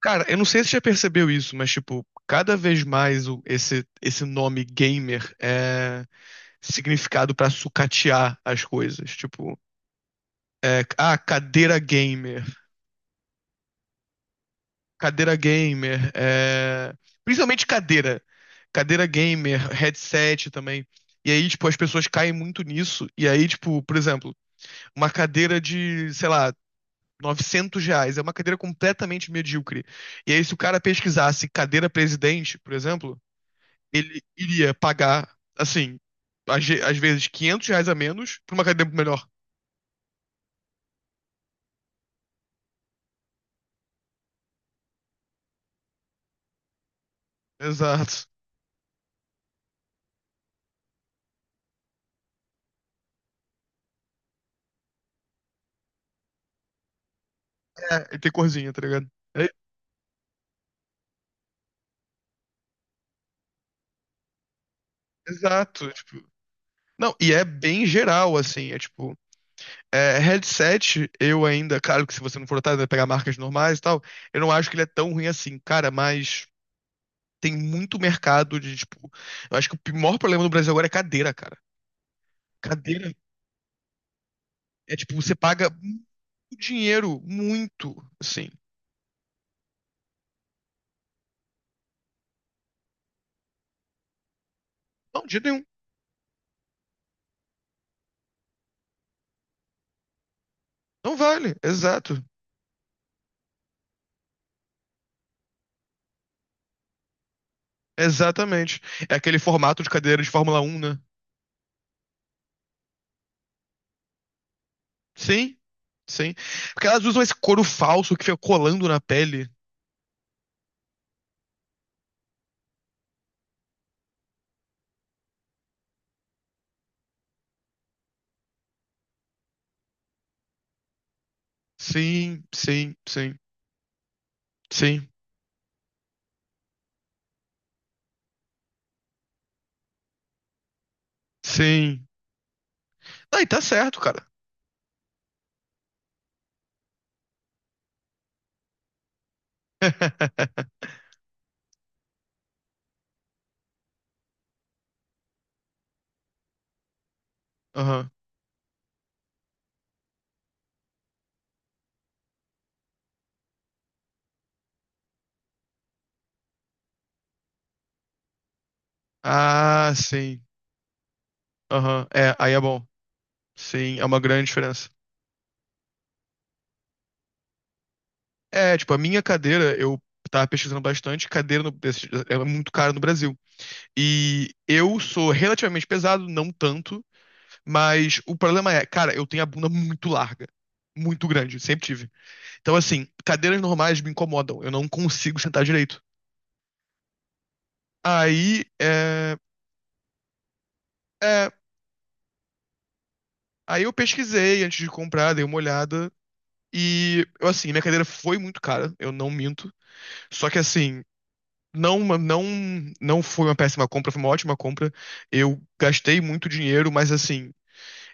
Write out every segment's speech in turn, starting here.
Cara, eu não sei se você já percebeu isso, mas, tipo, cada vez mais esse nome gamer é significado pra sucatear as coisas. Tipo, é, ah, cadeira gamer, cadeira gamer, principalmente cadeira, cadeira gamer, headset também. E aí, tipo, as pessoas caem muito nisso. E aí, tipo, por exemplo, uma cadeira de, sei lá, 900 reais, é uma cadeira completamente medíocre. E aí, se o cara pesquisasse cadeira presidente, por exemplo, ele iria pagar, assim, às vezes 500 reais a menos pra uma academia melhor. Exato. É, e tem corzinha, tá ligado? É, exato. Tipo, não, e é bem geral, assim, é tipo. É, headset, eu ainda, claro que se você não for otário, vai pegar marcas normais e tal. Eu não acho que ele é tão ruim assim, cara, mas tem muito mercado de, tipo. Eu acho que o maior problema do Brasil agora é cadeira, cara. Cadeira é tipo, você paga muito dinheiro, muito, assim. Não, de jeito nenhum. Não vale, exato. Exatamente. É aquele formato de cadeira de Fórmula 1, né? Sim, sim. Porque elas usam esse couro falso que fica colando na pele. Sim, sim, sim, sim, sim. Aí tá certo, cara. Aham. Ah, sim. Aham. É, aí é bom. Sim, é uma grande diferença. É, tipo, a minha cadeira, eu tava pesquisando bastante, cadeira no, é muito cara no Brasil. E eu sou relativamente pesado, não tanto, mas o problema é, cara, eu tenho a bunda muito larga. Muito grande, sempre tive. Então, assim, cadeiras normais me incomodam. Eu não consigo sentar direito. Aí, é, aí eu pesquisei antes de comprar, dei uma olhada. E, eu, assim, minha cadeira foi muito cara, eu não minto. Só que, assim, não, não foi uma péssima compra, foi uma ótima compra. Eu gastei muito dinheiro, mas, assim,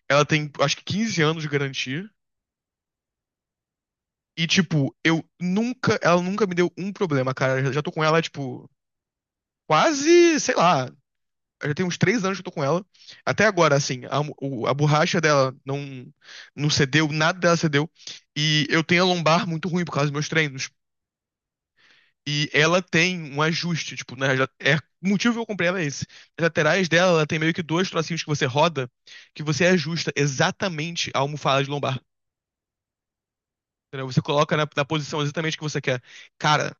ela tem, acho que 15 anos de garantia. E, tipo, eu nunca. Ela nunca me deu um problema, cara. Eu já tô com ela, tipo, quase, sei lá. Já tem uns três anos que eu tô com ela. Até agora, assim, a borracha dela não, não cedeu, nada dela cedeu. E eu tenho a lombar muito ruim por causa dos meus treinos. E ela tem um ajuste, tipo, né? É, o motivo que eu comprei ela é esse. As laterais dela, ela tem meio que dois trocinhos que você roda, que você ajusta exatamente a almofada de lombar. Entendeu? Você coloca na posição exatamente que você quer. Cara,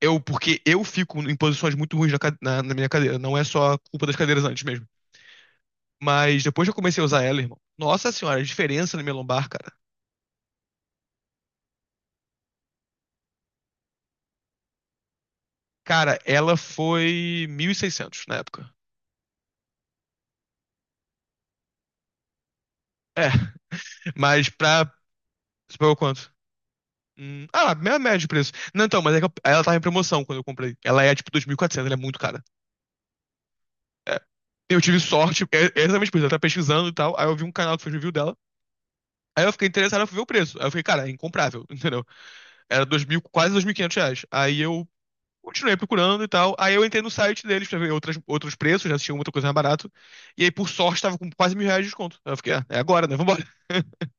eu, porque eu fico em posições muito ruins na minha cadeira. Não é só a culpa das cadeiras antes mesmo. Mas depois que eu comecei a usar ela, irmão, nossa senhora, a diferença na minha lombar, cara. Cara, ela foi 1.600 na época. É, mas pra. Você pagou quanto? Minha média de preço. Não, então, mas é que ela tava em promoção quando eu comprei. Ela é tipo 2.400, ela é muito cara. É. Eu tive sorte, é exatamente por isso. Eu tava pesquisando e tal. Aí eu vi um canal que fez review dela. Aí eu fiquei interessado, eu fui ver o preço. Aí eu fiquei, cara, é incomprável, entendeu? Era 2.000, quase 2.500 reais. Aí eu continuei procurando e tal. Aí eu entrei no site deles pra ver outros preços, já tinha muita coisa mais barato. E aí, por sorte, tava com quase 1.000 reais de desconto. Aí eu fiquei, ah, é agora, né? Vambora.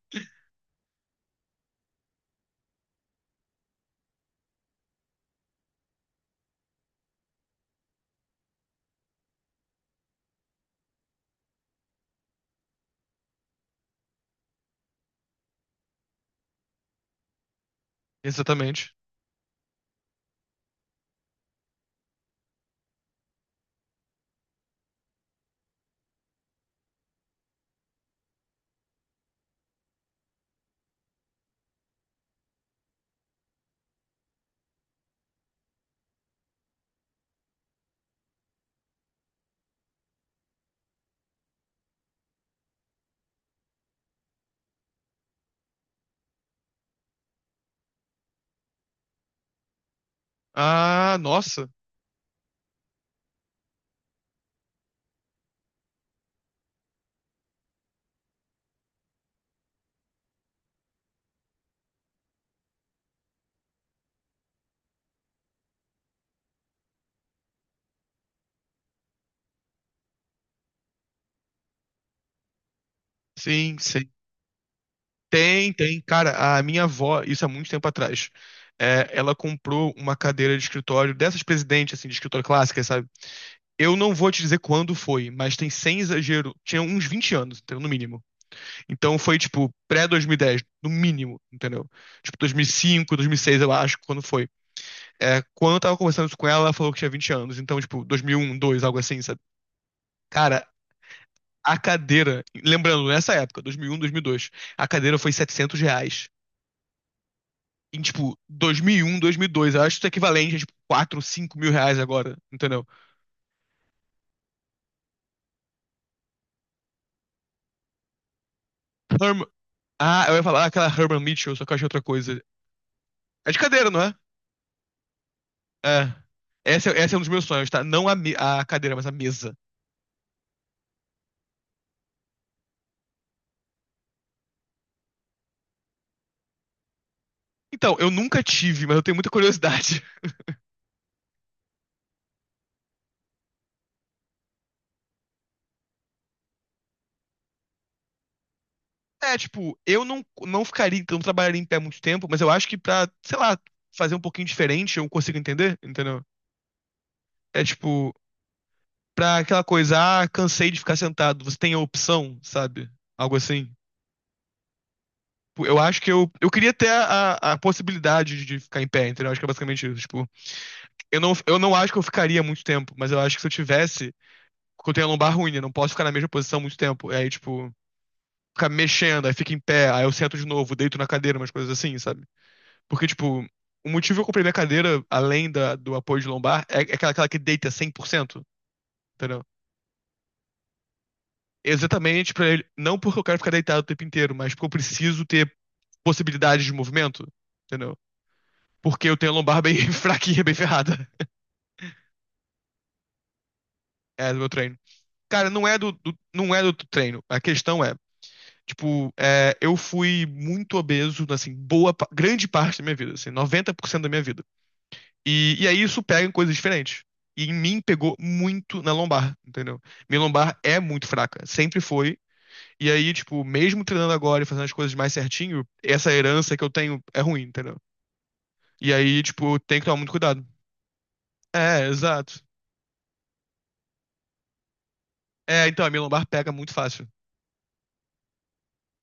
Exatamente. Ah, nossa. Sim, sim. Tem, tem. Cara, a minha avó, isso há muito tempo atrás, ela comprou uma cadeira de escritório dessas presidentes, assim, de escritório clássica, sabe? Eu não vou te dizer quando foi, mas tem sem exagero, tinha uns 20 anos, então, no mínimo. Então foi, tipo, pré 2010 no mínimo, entendeu? Tipo, 2005, seis eu acho, quando foi. É, quando eu tava conversando isso com ela, ela falou que tinha 20 anos. Então, tipo, 2001, dois mil e um, dois, algo assim, sabe? Cara, a cadeira... Lembrando, nessa época, um 2001, dois, a cadeira foi 700 reais. Em, tipo, 2001, 2002, eu acho que isso é equivalente a, tipo, quatro, 5 mil reais agora, entendeu? Herm... Ah, eu ia falar aquela Herman Mitchell, só que eu achei outra coisa. É de cadeira, não é? É. Essa é um dos meus sonhos, tá? Não a cadeira, mas a mesa. Então, eu nunca tive, mas eu tenho muita curiosidade. É, tipo, eu não, não ficaria, então, não trabalharia em pé muito tempo, mas eu acho que pra, sei lá, fazer um pouquinho diferente, eu consigo entender, entendeu? É tipo, pra aquela coisa, ah, cansei de ficar sentado, você tem a opção, sabe? Algo assim. Tipo, eu acho que eu queria ter a possibilidade de ficar em pé, entendeu? Acho que é basicamente isso. Tipo, eu não acho que eu ficaria muito tempo, mas eu acho que se eu tivesse, porque eu tenho a lombar ruim, eu não posso ficar na mesma posição muito tempo. E aí, tipo, ficar mexendo, aí fica em pé, aí eu sento de novo, deito na cadeira, umas coisas assim, sabe? Porque, tipo, o motivo que eu comprei minha cadeira, além do apoio de lombar, é aquela que deita 100%, entendeu? Exatamente pra ele. Não porque eu quero ficar deitado o tempo inteiro, mas porque eu preciso ter possibilidades de movimento, entendeu? Porque eu tenho a lombar bem fraquinha, bem ferrada. É do meu treino. Cara, não é não é do treino. A questão é, tipo, eu fui muito obeso, assim, grande parte da minha vida, assim, 90% da minha vida. E aí isso pega em coisas diferentes. E em mim pegou muito na lombar, entendeu? Minha lombar é muito fraca, sempre foi. E aí, tipo, mesmo treinando agora e fazendo as coisas mais certinho, essa herança que eu tenho é ruim, entendeu? E aí, tipo, tem que tomar muito cuidado. É, exato. É, então, a minha lombar pega muito fácil.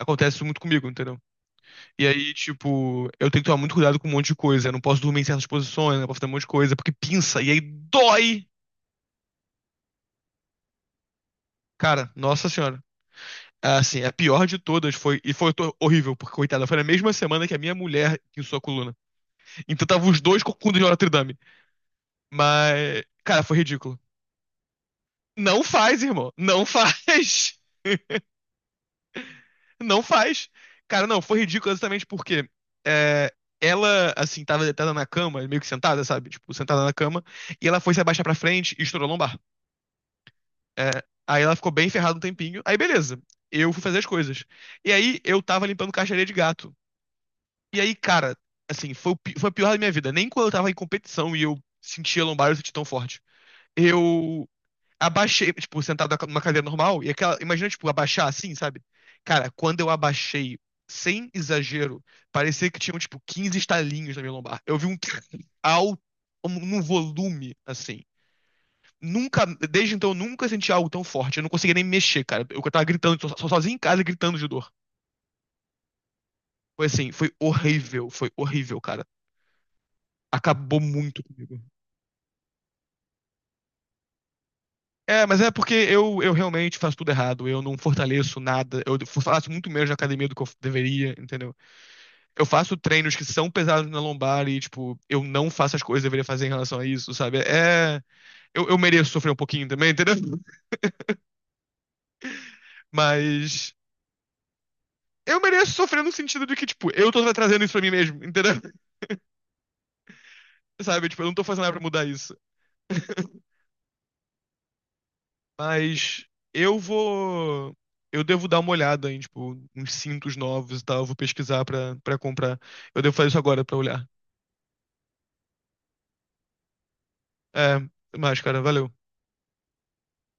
Acontece isso muito comigo, entendeu? E aí, tipo, eu tenho que tomar muito cuidado com um monte de coisa. Eu não posso dormir em certas posições, eu não posso fazer um monte de coisa, porque pinça, e aí dói. Cara, nossa senhora. Assim, a pior de todas foi. E foi horrível, porque, coitada, foi na mesma semana que a minha mulher pinçou a coluna. Então tava os dois com coluna de Notre Dame. Mas, cara, foi ridículo. Não faz, irmão. Não faz. Não faz. Cara, não, foi ridículo exatamente porque é, ela, assim, tava deitada na cama, meio que sentada, sabe? Tipo, sentada na cama. E ela foi se abaixar pra frente e estourou a lombar. É, aí ela ficou bem ferrada um tempinho. Aí, beleza. Eu fui fazer as coisas. E aí, eu tava limpando caixa de areia de gato. E aí, cara, assim, foi a pior da minha vida. Nem quando eu tava em competição e eu sentia lombar, eu senti tão forte. Eu abaixei, tipo, sentado numa cadeira normal, e aquela. Imagina, tipo, abaixar assim, sabe? Cara, quando eu abaixei, sem exagero, parecia que tinham, tipo, 15 estalinhos na minha lombar. Eu vi um alto, num volume, assim. Nunca, desde então, eu nunca senti algo tão forte. Eu não conseguia nem mexer, cara. Eu tava gritando, sozinho em casa, gritando de dor. Foi assim, foi horrível, cara. Acabou muito comigo. É, mas é porque eu realmente faço tudo errado. Eu não fortaleço nada. Eu faço muito menos na academia do que eu deveria, entendeu? Eu faço treinos que são pesados na lombar e, tipo, eu não faço as coisas que eu deveria fazer em relação a isso, sabe? É. Eu mereço sofrer um pouquinho também, entendeu? Mas. Eu mereço sofrer no sentido de que, tipo, eu tô trazendo isso pra mim mesmo, entendeu? Sabe? Tipo, eu não tô fazendo nada pra mudar isso. Mas. Eu vou. Eu devo dar uma olhada em, tipo, uns cintos novos e tal. Eu vou pesquisar pra comprar. Eu devo fazer isso agora pra olhar. É, até mais, cara. Valeu.